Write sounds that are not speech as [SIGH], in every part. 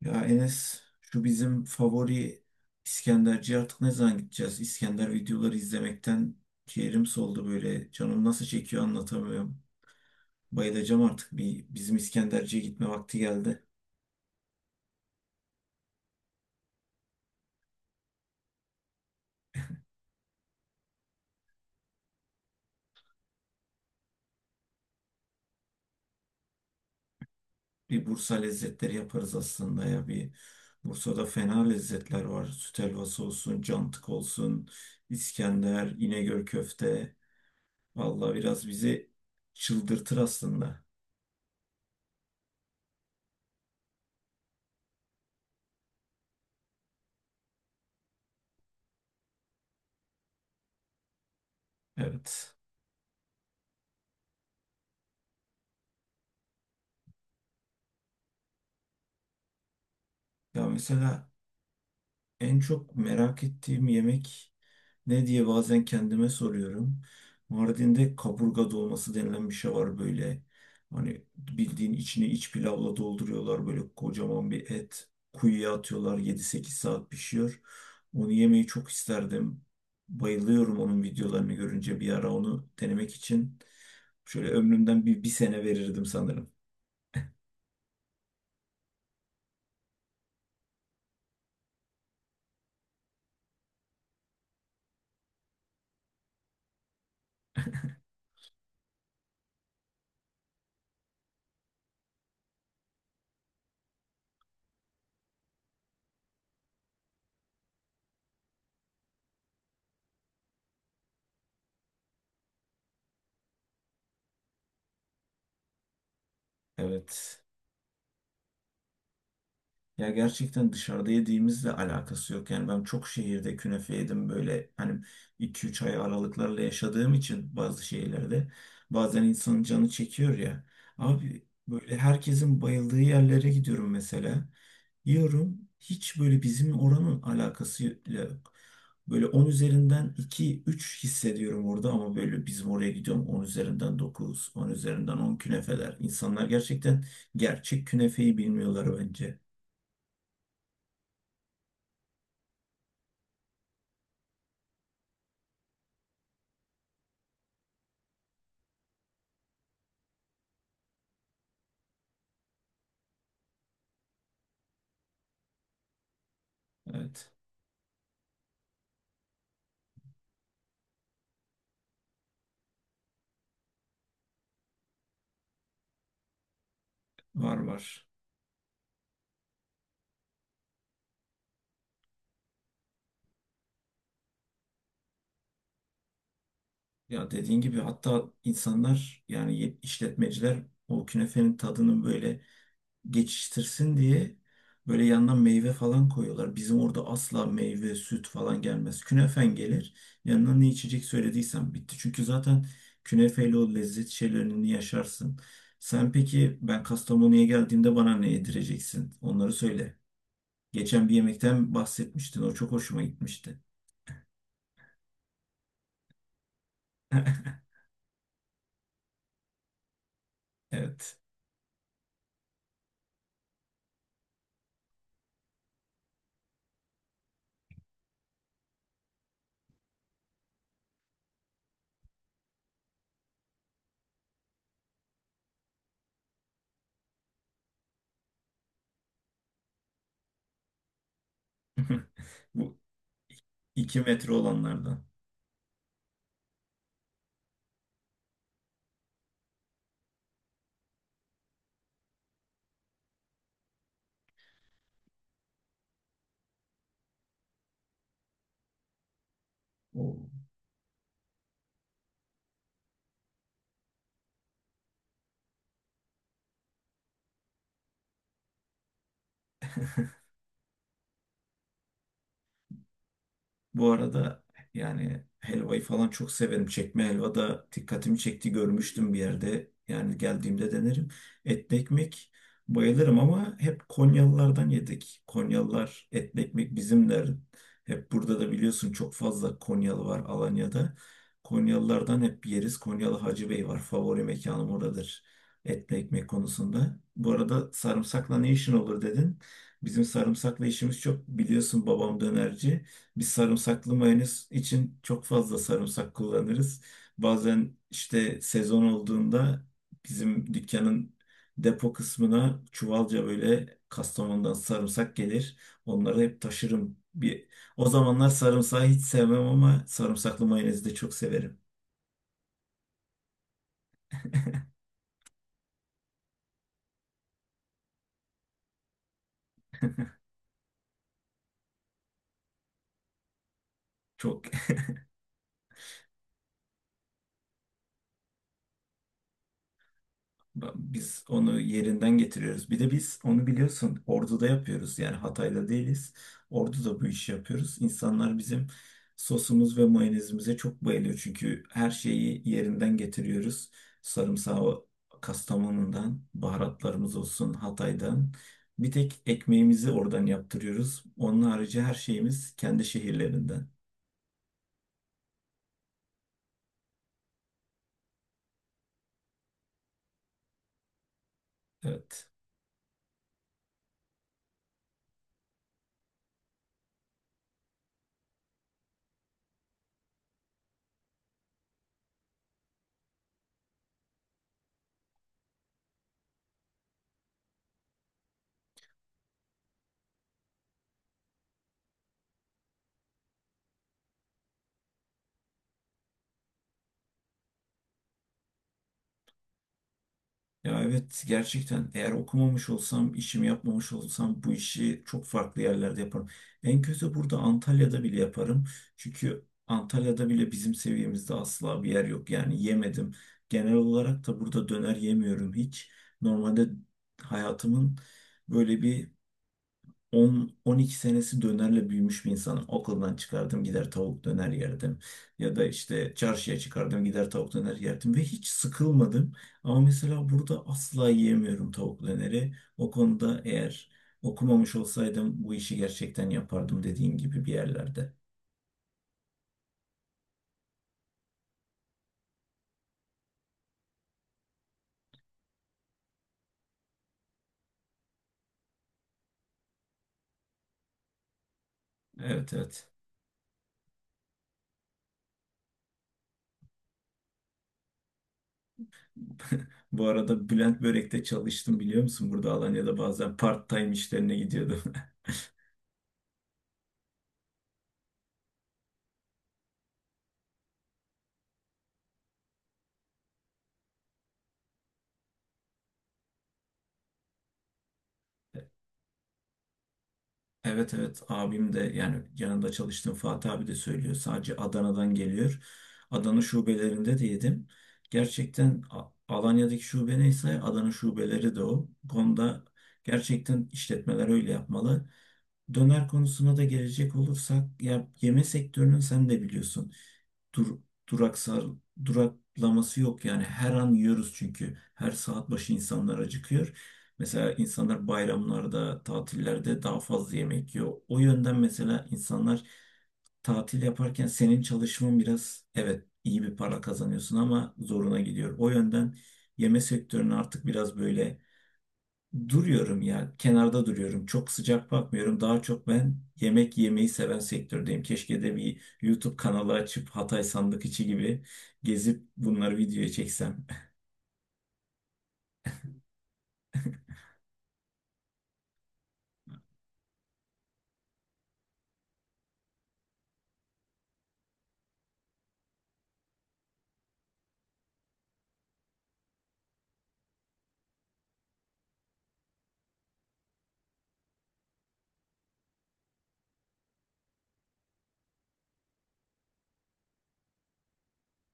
Ya Enes şu bizim favori İskenderci artık ne zaman gideceğiz? İskender videoları izlemekten ciğerim soldu böyle. Canım nasıl çekiyor anlatamıyorum. Bayılacağım artık bir bizim İskenderci'ye gitme vakti geldi. Bir Bursa lezzetleri yaparız aslında ya. Bir Bursa'da fena lezzetler var. Süt helvası olsun, cantık olsun, İskender, İnegöl köfte. Vallahi biraz bizi çıldırtır aslında. Evet. Ya mesela en çok merak ettiğim yemek ne diye bazen kendime soruyorum. Mardin'de kaburga dolması denilen bir şey var böyle. Hani bildiğin içini iç pilavla dolduruyorlar. Böyle kocaman bir et. Kuyuya atıyorlar. Yedi sekiz saat pişiyor. Onu yemeyi çok isterdim. Bayılıyorum onun videolarını görünce. Bir ara onu denemek için şöyle ömrümden bir sene verirdim sanırım. Evet. Ya gerçekten dışarıda yediğimizle alakası yok. Yani ben çok şehirde künefe yedim böyle hani 2-3 ay aralıklarla yaşadığım için bazı şeylerde bazen insanın canı çekiyor ya. Abi böyle herkesin bayıldığı yerlere gidiyorum mesela. Yiyorum, hiç böyle bizim oranın alakası yok. Böyle 10 üzerinden iki üç hissediyorum orada, ama böyle bizim oraya gidiyorum 10 üzerinden dokuz, 10 üzerinden 10 künefeler. İnsanlar gerçekten gerçek künefeyi bilmiyorlar bence. Evet, var var. Ya dediğin gibi hatta insanlar, yani işletmeciler o künefenin tadını böyle geçiştirsin diye böyle yandan meyve falan koyuyorlar. Bizim orada asla meyve, süt falan gelmez. Künefen gelir. Yanına ne içecek söylediysen bitti. Çünkü zaten künefeyle o lezzet şeylerini yaşarsın. Sen peki, ben Kastamonu'ya geldiğimde bana ne yedireceksin? Onları söyle. Geçen bir yemekten bahsetmiştin. O çok hoşuma gitmişti. Evet. [LAUGHS] Bu 2 metre olanlardan. Oo. Bu arada yani helvayı falan çok severim. Çekme helva da dikkatimi çekti, görmüştüm bir yerde. Yani geldiğimde denerim. Etli ekmek, bayılırım, ama hep Konyalılardan yedik. Konyalılar etli ekmek bizimler. Hep burada da biliyorsun, çok fazla Konyalı var Alanya'da. Konyalılardan hep yeriz. Konyalı Hacı Bey var. Favori mekanım oradır. Etli ekmek konusunda. Bu arada sarımsakla ne işin olur dedin. Bizim sarımsakla işimiz çok, biliyorsun babam dönerci. Biz sarımsaklı mayonez için çok fazla sarımsak kullanırız. Bazen işte sezon olduğunda bizim dükkanın depo kısmına çuvalca böyle Kastamonu'dan sarımsak gelir. Onları hep taşırım. O zamanlar sarımsağı hiç sevmem, ama sarımsaklı mayonezi de çok severim. Çok. Biz onu yerinden getiriyoruz. Bir de biz onu biliyorsun Ordu'da yapıyoruz. Yani Hatay'da değiliz. Ordu'da bu işi yapıyoruz. İnsanlar bizim sosumuz ve mayonezimize çok bayılıyor. Çünkü her şeyi yerinden getiriyoruz. Sarımsağı Kastamonu'dan, baharatlarımız olsun Hatay'dan. Bir tek ekmeğimizi oradan yaptırıyoruz. Onun harici her şeyimiz kendi şehirlerinden. Evet. Ya evet, gerçekten eğer okumamış olsam, işimi yapmamış olsam bu işi çok farklı yerlerde yaparım. En kötü burada Antalya'da bile yaparım. Çünkü Antalya'da bile bizim seviyemizde asla bir yer yok. Yani yemedim. Genel olarak da burada döner yemiyorum hiç. Normalde hayatımın böyle bir 10-12 senesi dönerle büyümüş bir insanım. Okuldan çıkardım, gider tavuk döner yerdim. Ya da işte çarşıya çıkardım, gider tavuk döner yerdim. Ve hiç sıkılmadım. Ama mesela burada asla yiyemiyorum tavuk döneri. O konuda eğer okumamış olsaydım bu işi gerçekten yapardım, dediğin gibi bir yerlerde. Evet evet. Bu arada Bülent Börek'te çalıştım, biliyor musun? Burada Alanya'da bazen part-time işlerine gidiyordum. Evet evet, abim de, yani yanında çalıştığım Fatih abi de söylüyor. Sadece Adana'dan geliyor. Adana şubelerinde de yedim. Gerçekten Alanya'daki şube neyse Adana şubeleri de o. Bu konuda gerçekten işletmeler öyle yapmalı. Döner konusuna da gelecek olursak, ya yeme sektörünün sen de biliyorsun, dur, duraksar, duraklaması yok. Yani her an yiyoruz çünkü. Her saat başı insanlar acıkıyor. Mesela insanlar bayramlarda, tatillerde daha fazla yemek yiyor. O yönden mesela insanlar tatil yaparken senin çalışman biraz, evet iyi bir para kazanıyorsun ama zoruna gidiyor. O yönden yeme sektörünü artık biraz böyle, duruyorum ya, kenarda duruyorum. Çok sıcak bakmıyorum. Daha çok ben yemek yemeyi seven sektördeyim. Keşke de bir YouTube kanalı açıp Hatay sandık içi gibi gezip bunları videoya çeksem. [LAUGHS]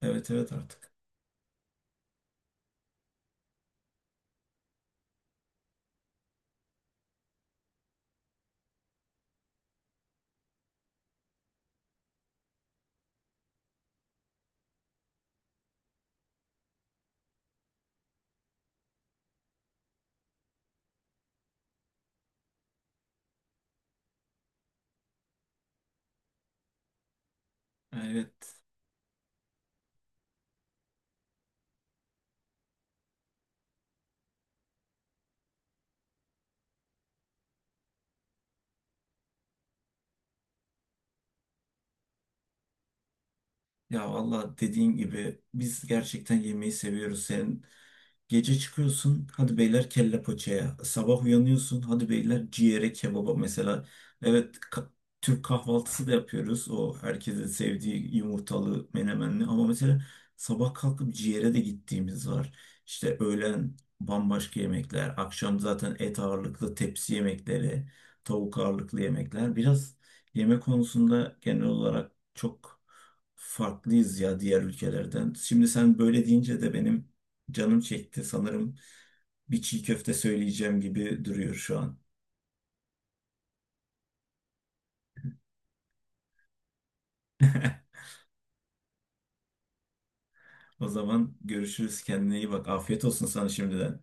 Evet evet artık. Evet. Ya valla dediğin gibi biz gerçekten yemeği seviyoruz. Senin... gece çıkıyorsun, hadi beyler kelle paçaya. Sabah uyanıyorsun, hadi beyler ciğere kebaba mesela. Evet. Türk kahvaltısı da yapıyoruz. O herkesin sevdiği yumurtalı, menemenli. Ama mesela sabah kalkıp ciğere de gittiğimiz var. İşte öğlen bambaşka yemekler. Akşam zaten et ağırlıklı tepsi yemekleri, tavuk ağırlıklı yemekler. Biraz yemek konusunda genel olarak çok farklıyız ya diğer ülkelerden. Şimdi sen böyle deyince de benim canım çekti sanırım, bir çiğ köfte söyleyeceğim gibi duruyor şu an. [LAUGHS] O zaman görüşürüz, kendine iyi bak. Afiyet olsun sana şimdiden.